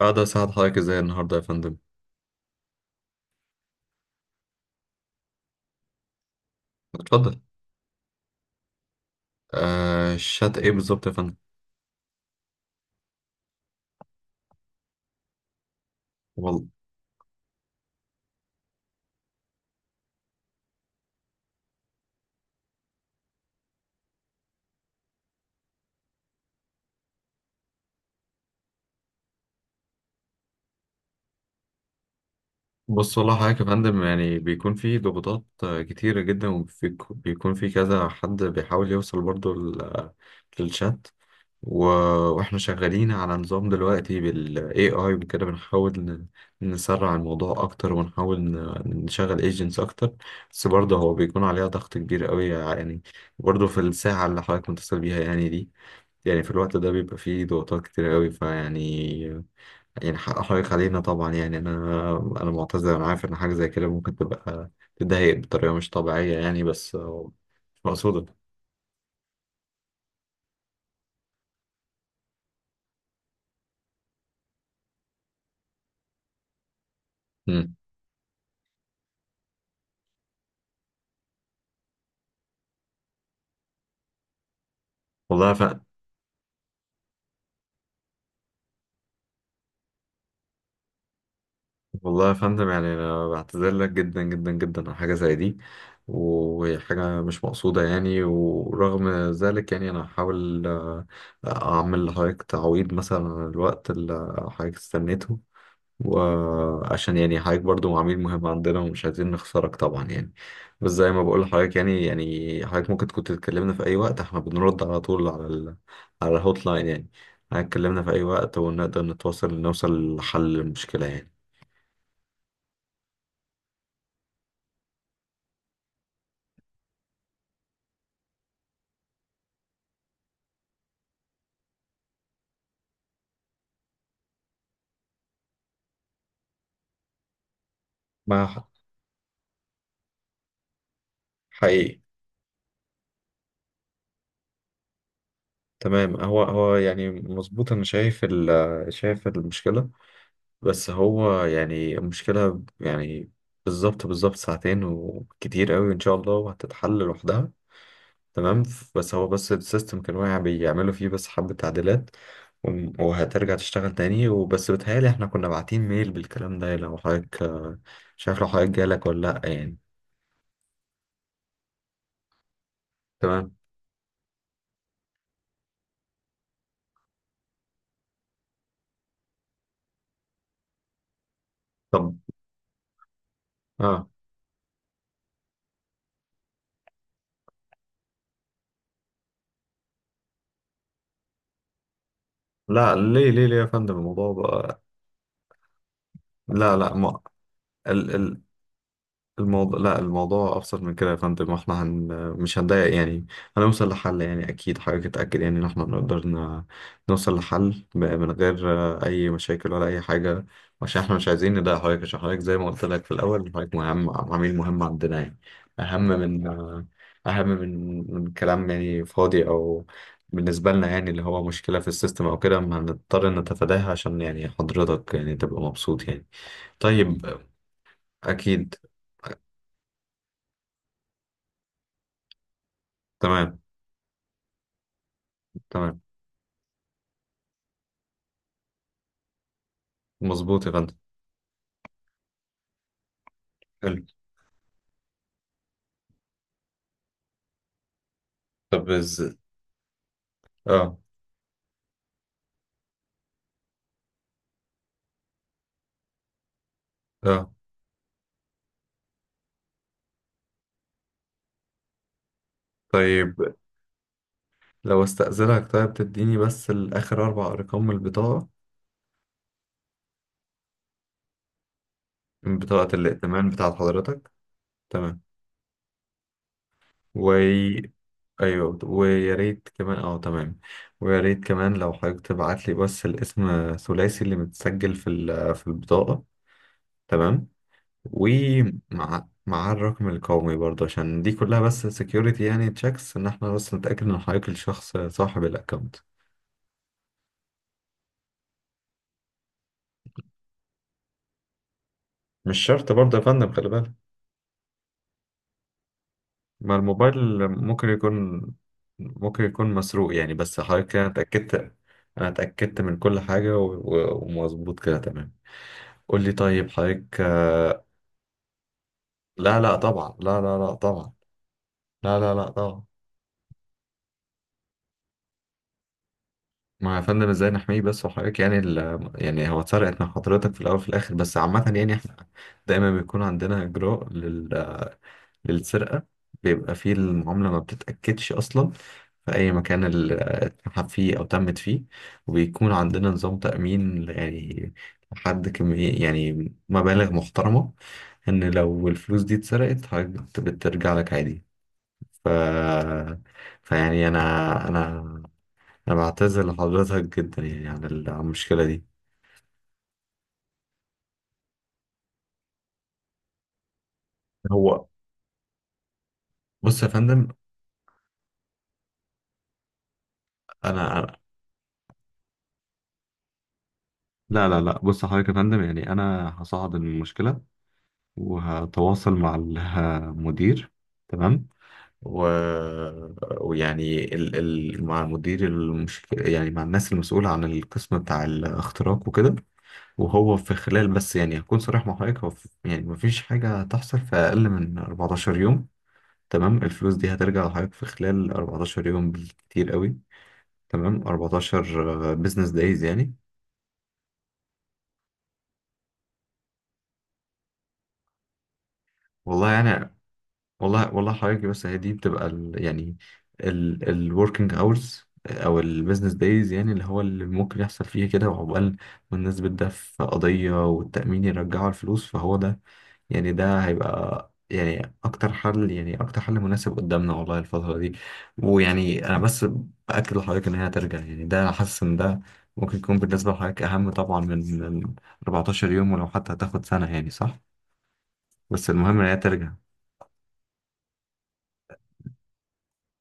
أقدر أساعد حضرتك إزاي النهاردة يا فندم؟ اتفضل. آه، شات إيه بالظبط يا فندم؟ وال- بص، والله حضرتك يا فندم يعني بيكون في ضغوطات كتيرة جدا، وبيكون في كذا حد بيحاول يوصل برضه للشات. و- وإحنا شغالين على نظام دلوقتي بال AI وكده، بنحاول نسرع الموضوع أكتر، ونحاول نشغل ايجنتس أكتر. بس برضه هو بيكون عليها ضغط كبير قوي يعني، برضه في الساعة اللي حضرتك متصل بيها يعني دي. يعني في الوقت ده بيبقى فيه ضغوطات كتير قوي فيعني، يعني حقيقي علينا طبعا، يعني انا معتذر. انا عارف ان حاجه زي كده ممكن تبقى تضايق بطريقه مش طبيعيه يعني، بس مش مقصوده. مم. والله يا فندم والله يا فندم، يعني انا بعتذر لك جدا جدا جدا على حاجه زي دي، وهي حاجه مش مقصوده يعني، ورغم ذلك يعني انا هحاول اعمل لحضرتك تعويض مثلا عن الوقت اللي حضرتك استنيته، وعشان يعني حضرتك برضو عميل مهم عندنا ومش عايزين نخسرك طبعا يعني. بس زي ما بقول لحضرتك يعني، يعني حضرتك ممكن كنت تكلمنا في أي وقت، احنا بنرد على طول على ال... على الهوت لاين يعني. حضرتك كلمنا في أي وقت ونقدر نتواصل نوصل لحل المشكلة يعني. ما حقيقي. تمام، هو هو يعني مظبوط، انا شايف ال... شايف المشكلة، بس هو يعني المشكلة يعني بالظبط بالظبط ساعتين، وكتير قوي ان شاء الله وهتتحل لوحدها. تمام، بس هو بس السيستم كان واقع، بيعملوا فيه بس حبة تعديلات، وهترجع تشتغل تاني. وبس بتهيألي احنا كنا باعتين ميل بالكلام ده، لو حضرتك شايف لو حضرتك جالك ولا لأ يعني. تمام. طب، اه. لا، ليه يا فندم الموضوع بقى؟ لا لا. ما الموضوع، لا، الموضوع ابسط من كده يا فندم، احنا هن... مش هنضايق يعني، هنوصل لحل يعني. اكيد حضرتك اتاكد يعني ان احنا نقدر ن... نوصل لحل من غير اي مشاكل ولا اي حاجه، عشان احنا مش عايزين نضايق حضرتك، عشان حضرتك زي ما قلت لك في الاول حضرتك مهم، عميل مهم عندنا يعني، اهم من اهم من كلام يعني فاضي او بالنسبه لنا يعني، اللي هو مشكله في السيستم او كده ما هنضطر نتفاداها عشان يعني حضرتك يعني تبقى مبسوط يعني. طيب اكيد. تمام، تمام، مظبوط يا فندم. حلو. طب، اه، اه، طيب، لو استأذنك، طيب تديني بس الآخر 4 أرقام من البطاقة، من بطاقة الائتمان بتاعت حضرتك. تمام. وي، أيوه، ويا ريت كمان، اه، تمام. ويا ريت كمان لو حضرتك تبعت لي بس الاسم الثلاثي اللي متسجل في في البطاقة. تمام. ومع الرقم القومي برضه، عشان دي كلها بس سكيورتي يعني تشيكس، ان احنا بس نتأكد ان حضرتك الشخص صاحب الأكونت. مش شرط برضه يا فندم، خلي بالك، ما الموبايل ممكن يكون، ممكن يكون مسروق يعني. بس حضرتك كده أنا اتأكدت، أنا اتأكدت من كل حاجة ومظبوط كده، تمام. قول لي طيب حضرتك لا لا طبعا، لا لا لا طبعا، لا لا لا طبعا. ما يا فندم ازاي نحميه بس وحضرتك يعني ال... يعني هو اتسرقت من حضرتك في الأول وفي الآخر، بس عامة يعني احنا دايما بيكون عندنا إجراء لل... للسرقة، بيبقى فيه المعاملة ما بتتأكدش أصلا في أي مكان اتسحب فيه أو تمت فيه، وبيكون عندنا نظام تأمين يعني لحد كمية يعني مبالغ محترمة، إن لو الفلوس دي اتسرقت حضرتك بترجع لك عادي. ف... فيعني أنا أنا بعتذر لحضرتك جدا يعني عن ال- عن المشكلة دي. هو بص يا فندم، أنا أنا- لا لا لا، بص حضرتك يا فندم يعني، أنا هصعد المشكلة وهتواصل مع المدير. تمام. و... ويعني ال... ال... مع المدير المش... يعني مع الناس المسؤولة عن القسم بتاع الاختراق وكده. وهو في خلال، بس يعني هكون صريح مع حضرتك، هو في... يعني مفيش حاجة هتحصل في أقل من 14 يوم. تمام، الفلوس دي هترجع لحضرتك في خلال 14 يوم بالكتير قوي. تمام، 14 بزنس دايز يعني. والله يعني، والله حضرتك، بس هي دي بتبقى ال يعني ال الوركينج اورز او البيزنس دايز يعني، اللي هو اللي ممكن يحصل فيه كده، وعقبال ما الناس بتدافع في قضية والتأمين يرجعوا الفلوس، فهو ده يعني، ده هيبقى يعني اكتر حل، يعني اكتر حل مناسب قدامنا والله الفترة دي. ويعني انا بس بأكد لحضرتك ان هي هترجع يعني، ده حاسس ان ده ممكن يكون بالنسبة لحضرتك اهم طبعا من 14 يوم، ولو حتى هتاخد سنة يعني، صح؟ بس المهم ان هي ترجع.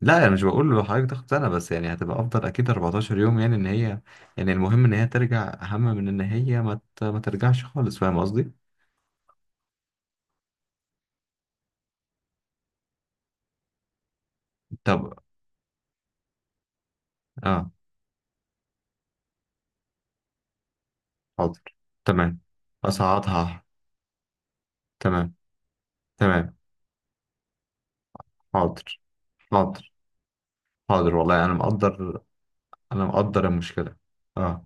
لا، انا مش بقول له حضرتك تاخد سنه، بس يعني هتبقى افضل اكيد 14 يوم، يعني ان هي يعني المهم ان هي ترجع اهم من ان هي ما ترجعش خالص، فاهم قصدي؟ طب، اه، حاضر، تمام، اصعدها. تمام، تمام. حاضر، حاضر، حاضر والله انا مقدر، انا مقدر المشكله. اه،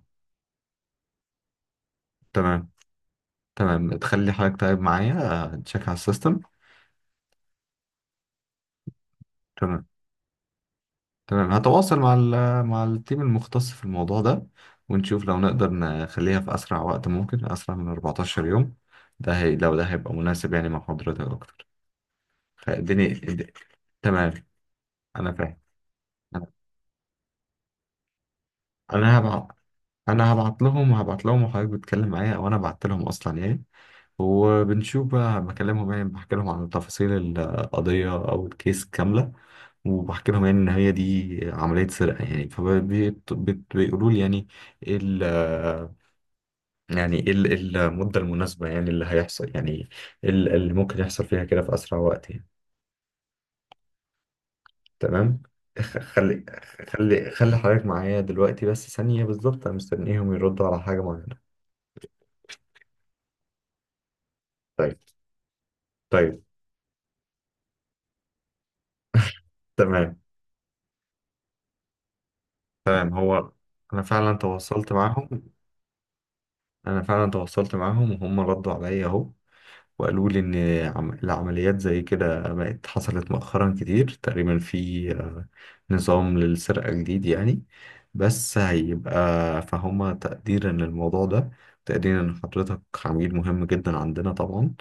تمام. تمام، تخلي حضرتك طيب معايا تشيك على السيستم. تمام، تمام، هتواصل مع ال- مع التيم المختص في الموضوع ده، ونشوف لو نقدر نخليها في أسرع وقت ممكن، أسرع من 14 يوم، ده هي لو ده هيبقى مناسب يعني مع حضرتك أكتر. فالدنيا الد- تمام، أنا فاهم. أنا أنا هبعت أنا هبعت لهم، هبعت لهم، وحضرتك بتتكلم معايا وأنا بعت لهم أصلا يعني، وبنشوف بقى، بكلمهم يعني، بحكي لهم عن تفاصيل القضية أو الكيس كاملة، وبحكي لهم يعني ان هي دي عمليه سرقه يعني، فبيقولوا لي يعني، يعني ايه ال- إيه المدة المناسبة يعني اللي هيحصل يعني، إيه ال- اللي ممكن يحصل فيها كده في أسرع وقت يعني. تمام، خ- خلي خلي حضرتك معايا دلوقتي بس ثانية بالظبط، أنا مستنيهم يردوا على حاجة معينة. طيب، طيب، تمام، تمام. هو أنا فعلا تواصلت معاهم أنا فعلا تواصلت معاهم، وهم ردوا عليا أهو، وقالوا لي إن العمليات زي كده بقت حصلت مؤخرا كتير، تقريبا في نظام للسرقة جديد يعني، بس هيبقى فهم تقديرا للموضوع ده، تقديرا إن حضرتك عميل مهم جدا عندنا طبعا،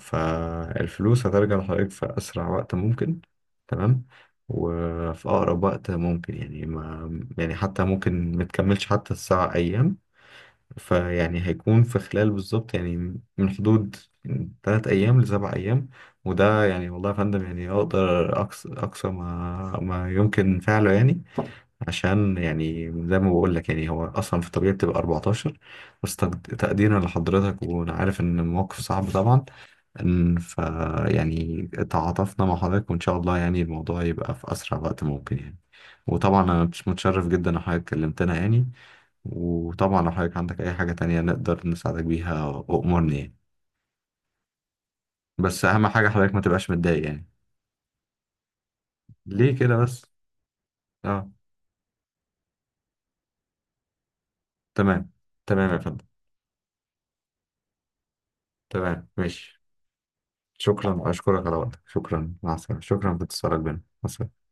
فالفلوس هترجع لحضرتك في أسرع وقت ممكن. تمام، وفي أقرب وقت ممكن يعني، ما يعني حتى ممكن متكملش حتى الساعة أيام، فيعني هيكون في خلال بالظبط يعني، من حدود 3 أيام لسبع أيام. وده يعني والله يا فندم يعني أقدر أقصى، ما يمكن فعله يعني، عشان يعني زي ما بقول لك يعني هو أصلا في الطبيعي بتبقى 14، بس تقديرا لحضرتك، وأنا عارف إن الموقف صعب طبعا، إن يعني تعاطفنا مع حضرتك وإن شاء الله يعني الموضوع يبقى في أسرع وقت ممكن يعني. وطبعا أنا متشرف جدا إن حضرتك كلمتنا يعني، وطبعا لو حضرتك عندك أي حاجة تانية نقدر نساعدك بيها وأمرني يعني، بس أهم حاجة حضرتك ما تبقاش متضايق يعني. ليه كده بس؟ اه، تمام. تمام يا فندم. تمام، ماشي. شكرا، أشكرك على وقتك، شكرا، مع السلامة، شكرا في اتصالك بينا، مع السلامة.